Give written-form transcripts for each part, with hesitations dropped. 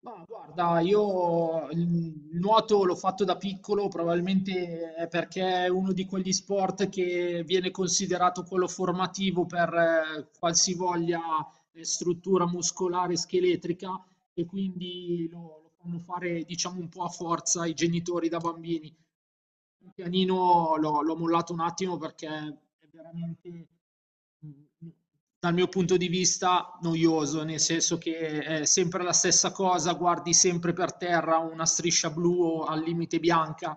Ma guarda, io il nuoto l'ho fatto da piccolo, probabilmente è perché è uno di quegli sport che viene considerato quello formativo per qualsivoglia struttura muscolare e scheletrica e quindi lo fanno fare, diciamo, un po' a forza i genitori da bambini. Il pianino l'ho mollato un attimo perché è veramente, mhmm, dal mio punto di vista, noioso, nel senso che è sempre la stessa cosa, guardi sempre per terra una striscia blu o al limite bianca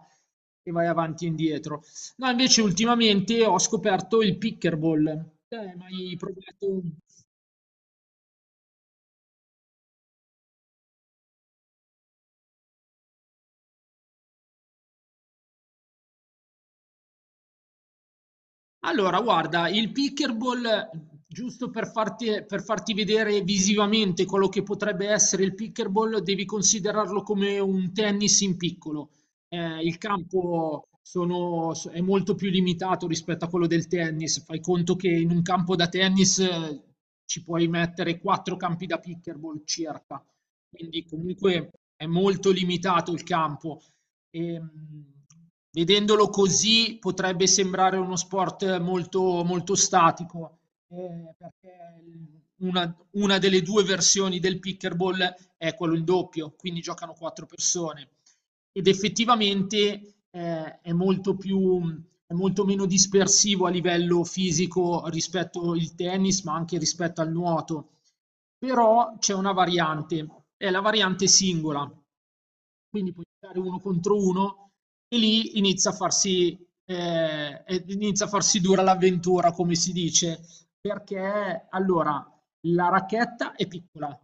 e vai avanti e indietro. No, invece ultimamente ho scoperto il pickleball. Te hai mai provato? Allora, guarda, il pickleball, giusto per farti vedere visivamente quello che potrebbe essere il pickleball, devi considerarlo come un tennis in piccolo. Il campo è molto più limitato rispetto a quello del tennis. Fai conto che in un campo da tennis ci puoi mettere quattro campi da pickleball circa, quindi comunque è molto limitato il campo. Ehm, vedendolo così potrebbe sembrare uno sport molto, molto statico, perché una delle due versioni del pickleball è quello in doppio, quindi giocano quattro persone. Ed effettivamente è molto più, è molto meno dispersivo a livello fisico rispetto al tennis, ma anche rispetto al nuoto. Però c'è una variante, è la variante singola, quindi puoi giocare uno contro uno e lì inizia a farsi dura l'avventura, come si dice, perché allora la racchetta è piccola.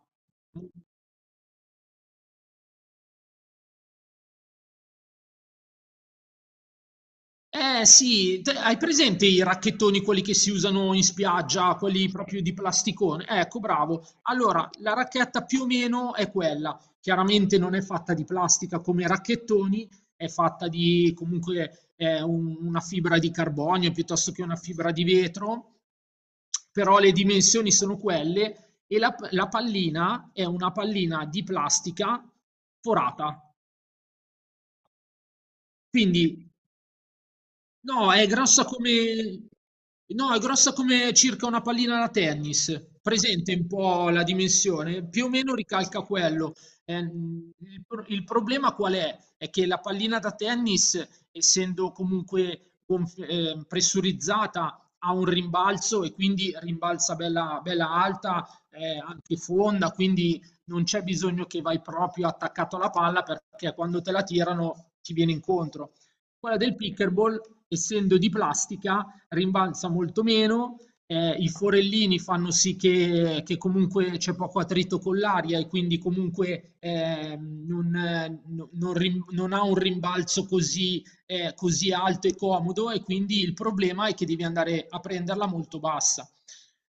Eh sì, hai presente i racchettoni, quelli che si usano in spiaggia, quelli proprio di plasticone? Ecco, bravo. Allora, la racchetta più o meno è quella. Chiaramente non è fatta di plastica come i racchettoni, è fatta di comunque una fibra di carbonio piuttosto che una fibra di vetro, però le dimensioni sono quelle e la pallina è una pallina di plastica forata. Quindi No, è grossa come... No, è grossa come circa una pallina da tennis. Presente un po' la dimensione, più o meno ricalca quello. Il problema qual è? È che la pallina da tennis, essendo comunque pressurizzata, ha un rimbalzo e quindi rimbalza bella, bella alta, anche fonda, quindi non c'è bisogno che vai proprio attaccato alla palla perché quando te la tirano ti viene incontro. Quella del pickleball, essendo di plastica, rimbalza molto meno, i forellini fanno sì che comunque c'è poco attrito con l'aria e quindi comunque non ha un rimbalzo così alto e comodo e quindi il problema è che devi andare a prenderla molto bassa.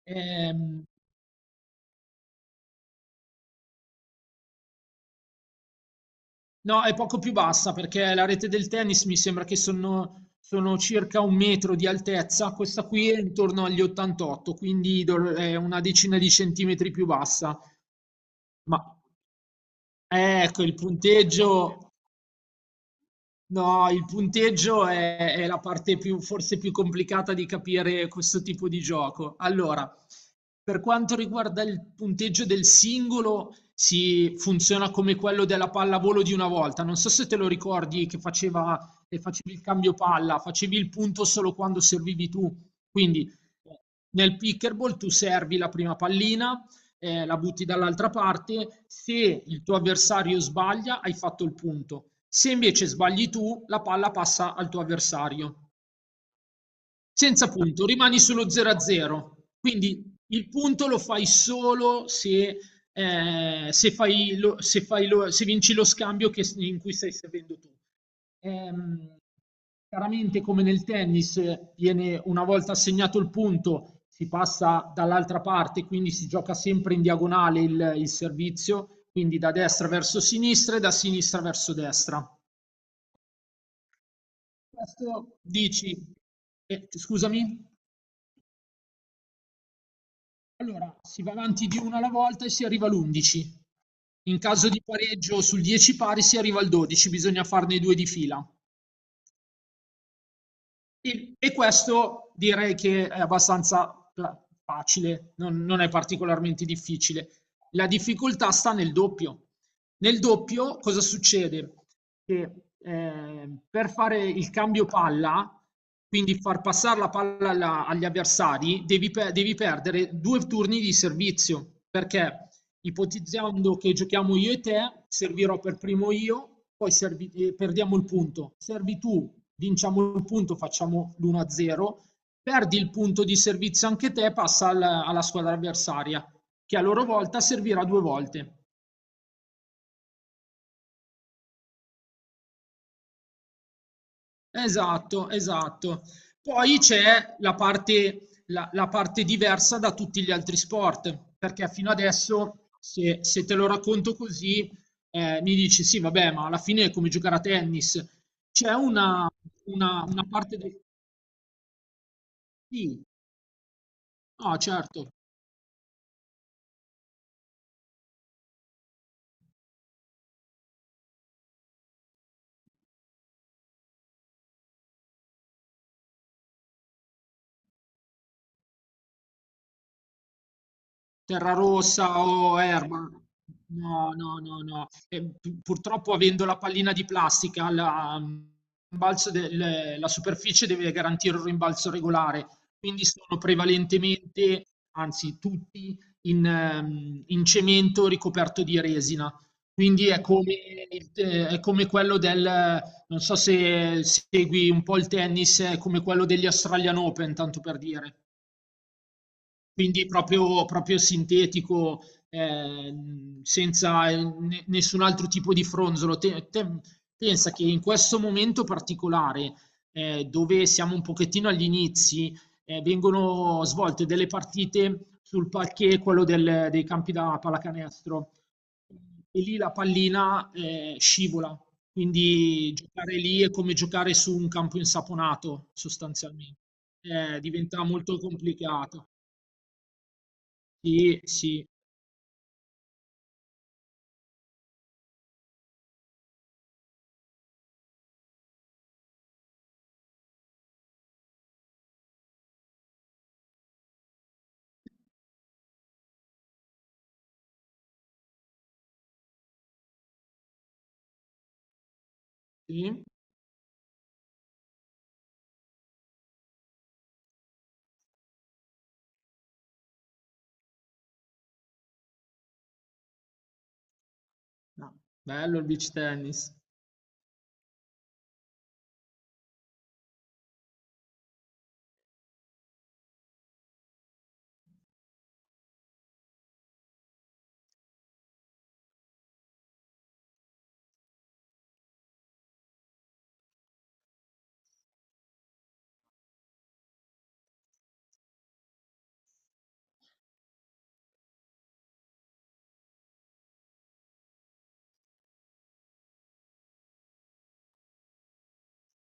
Ehm, No, è poco più bassa perché la rete del tennis mi sembra che sono circa un metro di altezza, questa qui è intorno agli 88, quindi è una decina di centimetri più bassa. Ma ecco, il punteggio. No, il punteggio è la parte più, forse più complicata di capire questo tipo di gioco. Allora, per quanto riguarda il punteggio del singolo, si funziona come quello della pallavolo di una volta. Non so se te lo ricordi che facevi il cambio palla, facevi il punto solo quando servivi tu. Quindi nel pickerball tu servi la prima pallina, la butti dall'altra parte, se il tuo avversario sbaglia hai fatto il punto. Se invece sbagli tu, la palla passa al tuo avversario. Senza punto, rimani sullo 0 a 0. Quindi il punto lo fai solo se se vinci lo scambio in cui stai servendo tu. Ehm, chiaramente, come nel tennis, viene una volta assegnato il punto, si passa dall'altra parte, quindi si gioca sempre in diagonale il servizio, quindi da destra verso sinistra e da sinistra verso destra. Questo dici? Eh, scusami. Allora, si va avanti di una alla volta e si arriva all'11. In caso di pareggio sul 10 pari si arriva al 12, bisogna farne due di fila. E questo direi che è abbastanza facile, non è particolarmente difficile. La difficoltà sta nel doppio. Nel doppio cosa succede? Che per fare il cambio palla, quindi far passare la palla agli avversari, devi perdere due turni di servizio, perché ipotizzando che giochiamo io e te, servirò per primo io, poi perdiamo il punto. Servi tu, vinciamo il punto, facciamo l'1-0, perdi il punto di servizio anche te, passa alla squadra avversaria, che a loro volta servirà due volte. Esatto, esatto. Poi c'è la parte, la parte diversa da tutti gli altri sport, perché fino adesso, se te lo racconto così, mi dici sì, vabbè, ma alla fine è come giocare a tennis. C'è una, una parte del. Sì, no, certo. Terrarossa o erba. No, no, no, no. E purtroppo avendo la pallina di plastica, la superficie deve garantire un rimbalzo regolare, quindi sono prevalentemente, anzi tutti, in cemento ricoperto di resina. Quindi è come, è come quello del, non so se segui un po' il tennis, è come quello degli Australian Open, tanto per dire. Quindi proprio, proprio sintetico, senza nessun altro tipo di fronzolo. Pensa che in questo momento particolare, dove siamo un pochettino agli inizi, vengono svolte delle partite sul parquet, quello dei campi da pallacanestro. E lì la pallina scivola, quindi giocare lì è come giocare su un campo insaponato, sostanzialmente. Diventa molto complicato. Sì, sì, sì. No, bello il beach tennis.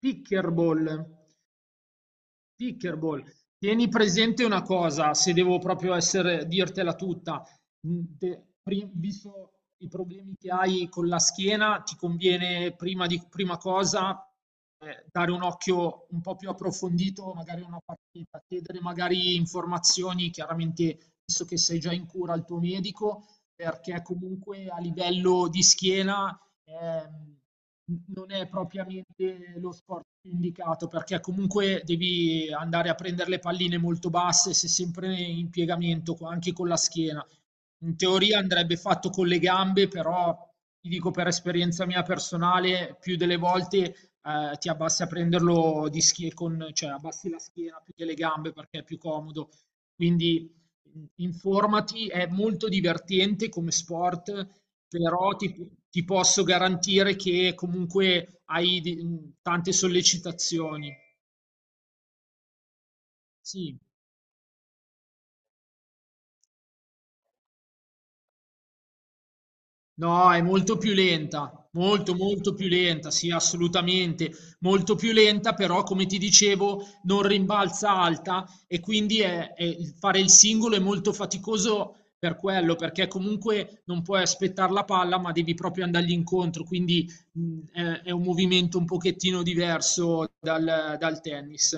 Pickleball, pickleball. Tieni presente una cosa, se devo proprio dirtela tutta, visto i problemi che hai con la schiena, ti conviene prima cosa dare un occhio un po' più approfondito, magari a una partita, chiedere magari informazioni, chiaramente visto che sei già in cura al tuo medico, perché comunque a livello di schiena ehm, n non è propriamente lo sport più indicato, perché comunque devi andare a prendere le palline molto basse, sei sempre in piegamento co anche con la schiena. In teoria andrebbe fatto con le gambe, però ti dico per esperienza mia personale, più delle volte ti abbassi a prenderlo di schiena, cioè abbassi la schiena più che le gambe perché è più comodo. Quindi informati, è molto divertente come sport, però ti posso garantire che comunque hai tante sollecitazioni. Sì. No, è molto più lenta, molto molto più lenta, sì, assolutamente, molto più lenta, però come ti dicevo non rimbalza alta e quindi fare il singolo è molto faticoso per quello, perché comunque non puoi aspettare la palla, ma devi proprio andargli incontro, quindi è un movimento un pochettino diverso dal tennis.